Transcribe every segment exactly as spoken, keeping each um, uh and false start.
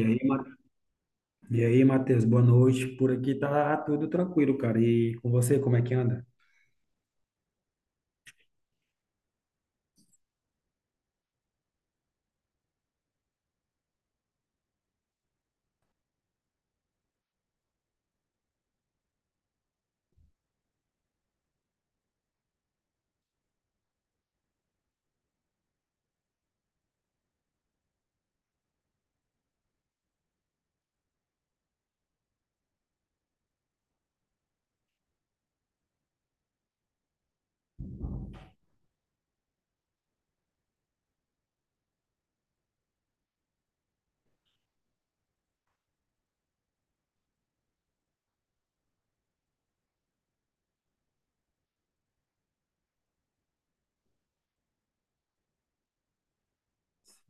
E aí, Ma- e aí, Matheus, boa noite. Por aqui tá tudo tranquilo, cara. E com você, como é que anda?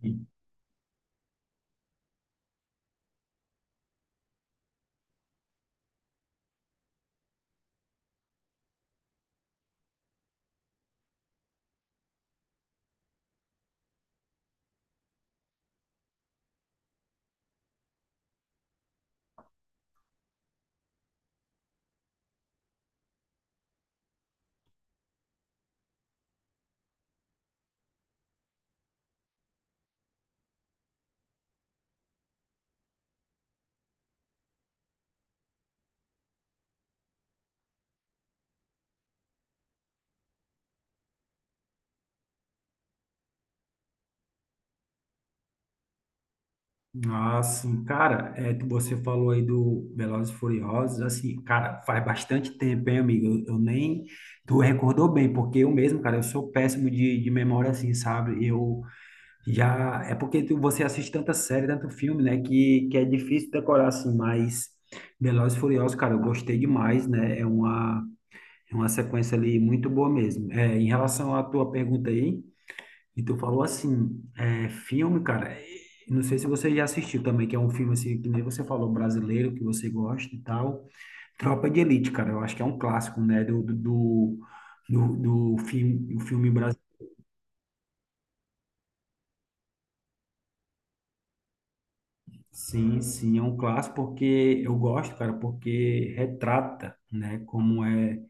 Sim. Ah, sim, cara, é, tu- você falou aí do Velozes e Furiosos, assim, cara, faz bastante tempo, hein, amigo? Eu, eu nem, tu recordou bem, porque eu mesmo, cara, eu sou péssimo de, de memória, assim, sabe? Eu já, é porque tu, você assiste tanta série, tanto filme, né, que, que é difícil decorar, assim, mas Velozes e Furiosos, cara, eu gostei demais, né? É uma É uma sequência ali muito boa mesmo. É, em relação à tua pergunta aí, e tu falou assim, é, filme, cara, é, não sei se você já assistiu também, que é um filme assim, que nem você falou, brasileiro, que você gosta e tal. Tropa de Elite, cara, eu acho que é um clássico, né, do, do, do, do, do filme, o filme brasileiro. Sim, sim, é um clássico porque eu gosto, cara, porque retrata, né, como é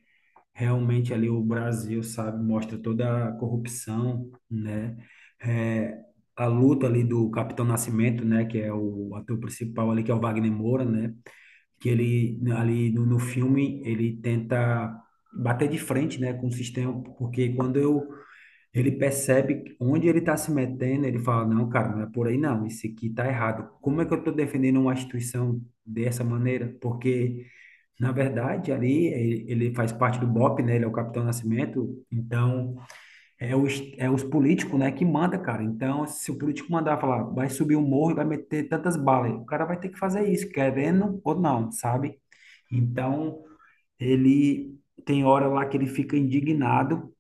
realmente ali o Brasil, sabe, mostra toda a corrupção, né? É, a luta ali do Capitão Nascimento, né, que é o ator principal ali, que é o Wagner Moura, né? Que ele ali no, no filme ele tenta bater de frente, né, com o sistema, porque quando eu ele percebe onde ele está se metendo, ele fala, não, cara, não é por aí não, isso aqui tá errado. Como é que eu estou defendendo uma instituição dessa maneira? Porque na verdade, ali ele ele faz parte do B O P, né? Ele é o Capitão Nascimento. Então, é os, é os políticos, né, que manda, cara. Então, se o político mandar falar, vai subir o morro e vai meter tantas balas, o cara vai ter que fazer isso, querendo ou não, sabe? Então, ele tem hora lá que ele fica indignado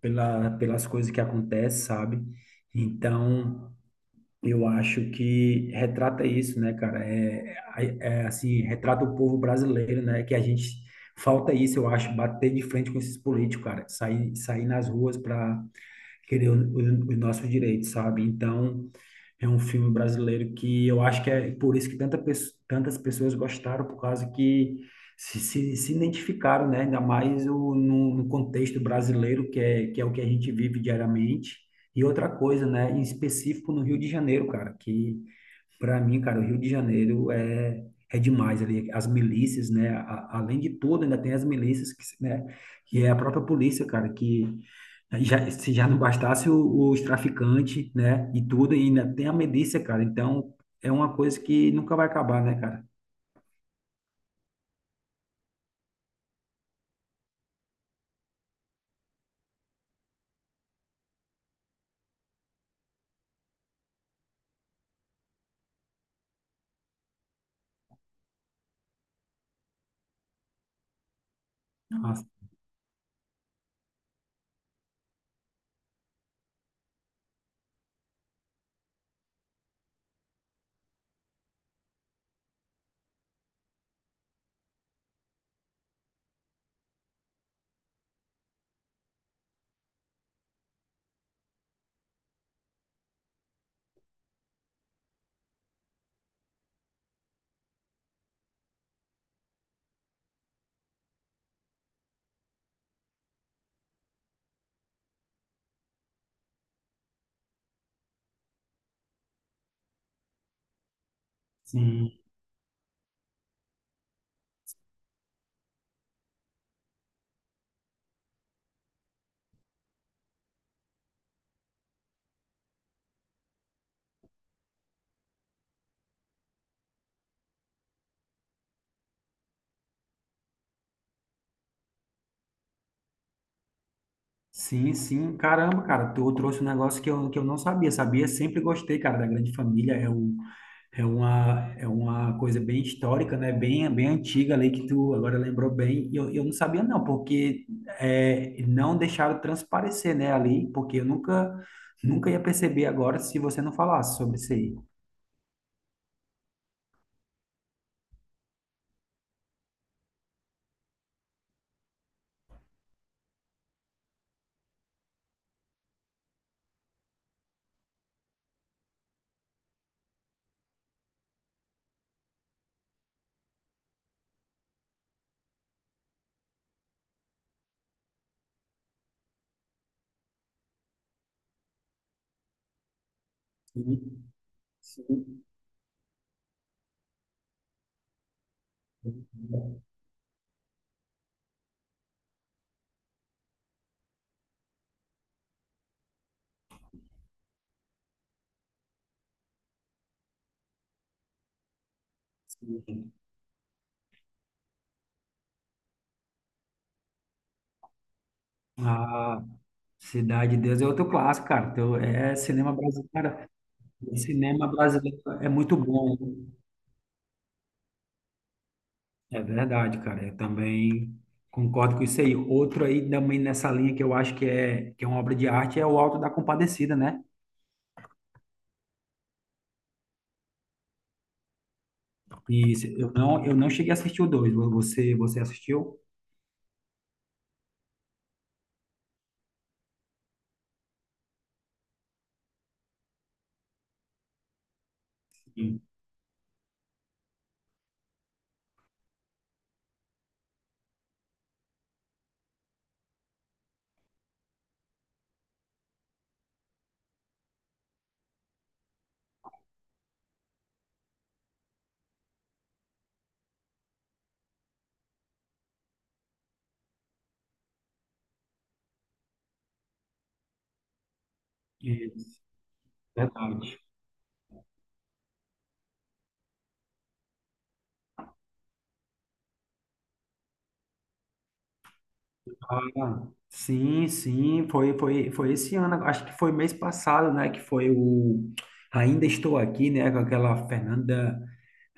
pela, pelas coisas que acontecem, sabe? Então, eu acho que retrata isso, né, cara? É, é, é, assim, retrata o povo brasileiro, né? Que a gente falta isso, eu acho, bater de frente com esses políticos, cara, sair, sair nas ruas para querer o- o- os nossos direitos, sabe? Então, é um filme brasileiro que eu acho que é por isso que tanta, pesso- tantas pessoas gostaram, por causa que se, se, se identificaram, né? Ainda mais o, no, no contexto brasileiro, que é, que é o que a gente vive diariamente. E outra coisa, né? Em específico no Rio de Janeiro, cara, que para mim, cara, o Rio de Janeiro é, é demais ali. As milícias, né? A- além de tudo, ainda tem as milícias, que, né? Que é a própria polícia, cara, que já, se já não bastasse o- os traficantes, né? E tudo, e ainda tem a milícia, cara. Então, é uma coisa que nunca vai acabar, né, cara? Nossa, sim. Sim, sim. Caramba, cara, tu trouxe um negócio que eu, que eu não sabia. Sabia, sempre gostei, cara, da Grande Família. É um, É uma, é uma coisa bem histórica, né? Bem, bem antiga ali que tu agora lembrou bem. E eu, eu não sabia não, porque é, não deixaram transparecer, né, ali, porque eu nunca, nunca ia perceber agora se você não falasse sobre isso aí. Sim, sim, sim. Ah, Cidade de Deus é outro clássico, cara. Então, é cinema brasileiro. Cara, cinema brasileiro é muito bom. É verdade, cara. Eu também concordo com isso aí. Outro aí também nessa linha que eu acho que é, que é uma obra de arte é o Alto da Compadecida, né? E se- eu não, eu não cheguei a assistir o dois. Você, você assistiu? Sim. Isso, verdade. Ah, sim, sim. Foi, foi, foi esse ano. Acho que foi mês passado, né? Que foi o Ainda Estou Aqui, né? Com aquela Fernanda,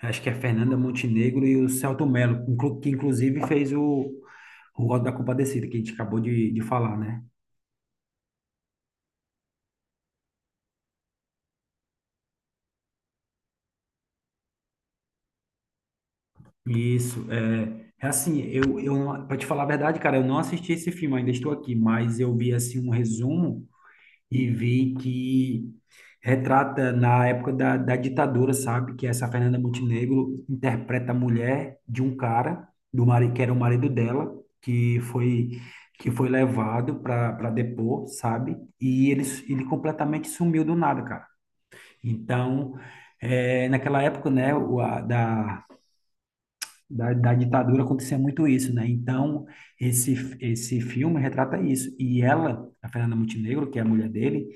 acho que é Fernanda Montenegro e o Selton Mello, inclu- que inclusive fez o O voto da compadecida que a gente acabou de, de falar, né? Isso, é, é assim, eu, eu não, pra te falar a verdade, cara, eu não assisti esse filme, ainda estou aqui, mas eu vi, assim, um resumo e vi que retrata na época da, da ditadura, sabe? Que essa Fernanda Montenegro interpreta a mulher de um cara, do marido, que era o marido dela, que foi, que foi levado para para depor, sabe? E ele, ele completamente sumiu do nada, cara. Então, é, naquela época, né, o- a- da, da, da ditadura acontecia muito isso, né? Então, esse, esse filme retrata isso. E ela, a Fernanda Montenegro, que é a mulher dele,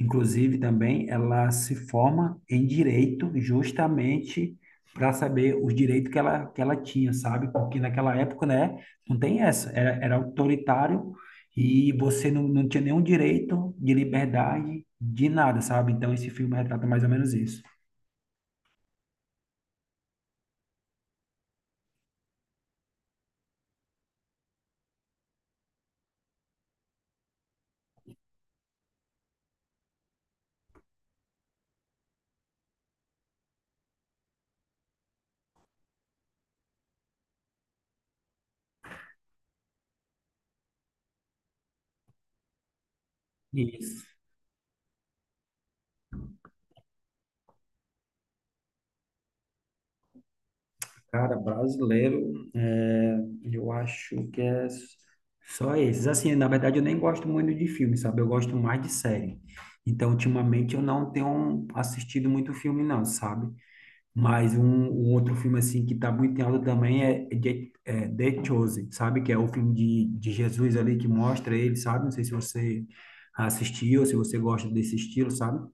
inclusive também, ela se forma em direito justamente para saber os direitos que ela, que ela tinha, sabe? Porque naquela época, né, não tem essa, era, era autoritário e você não, não tinha nenhum direito de liberdade de nada, sabe? Então, esse filme retrata mais ou menos isso. Isso. Cara, brasileiro, é, eu acho que é só esses. Assim, na verdade, eu nem gosto muito de filme, sabe? Eu gosto mais de série. Então, ultimamente, eu não tenho assistido muito filme, não, sabe? Mas um, um outro filme, assim, que tá muito em alta também é, The- é The Chosen, sabe? Que é o filme de, de Jesus ali que mostra ele, sabe? Não sei se você assistiu, se você gosta desse estilo, sabe?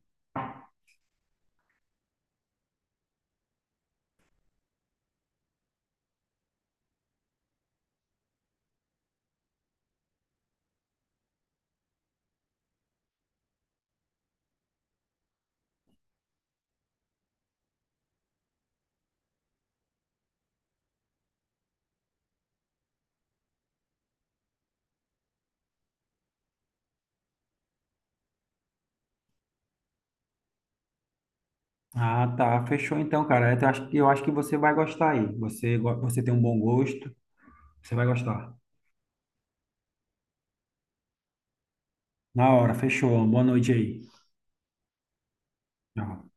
Ah, tá. Fechou então, cara. Eu acho, eu acho que você vai gostar aí. Você, go- você tem um bom gosto. Você vai gostar. Na hora, fechou. Boa noite aí. Tchau.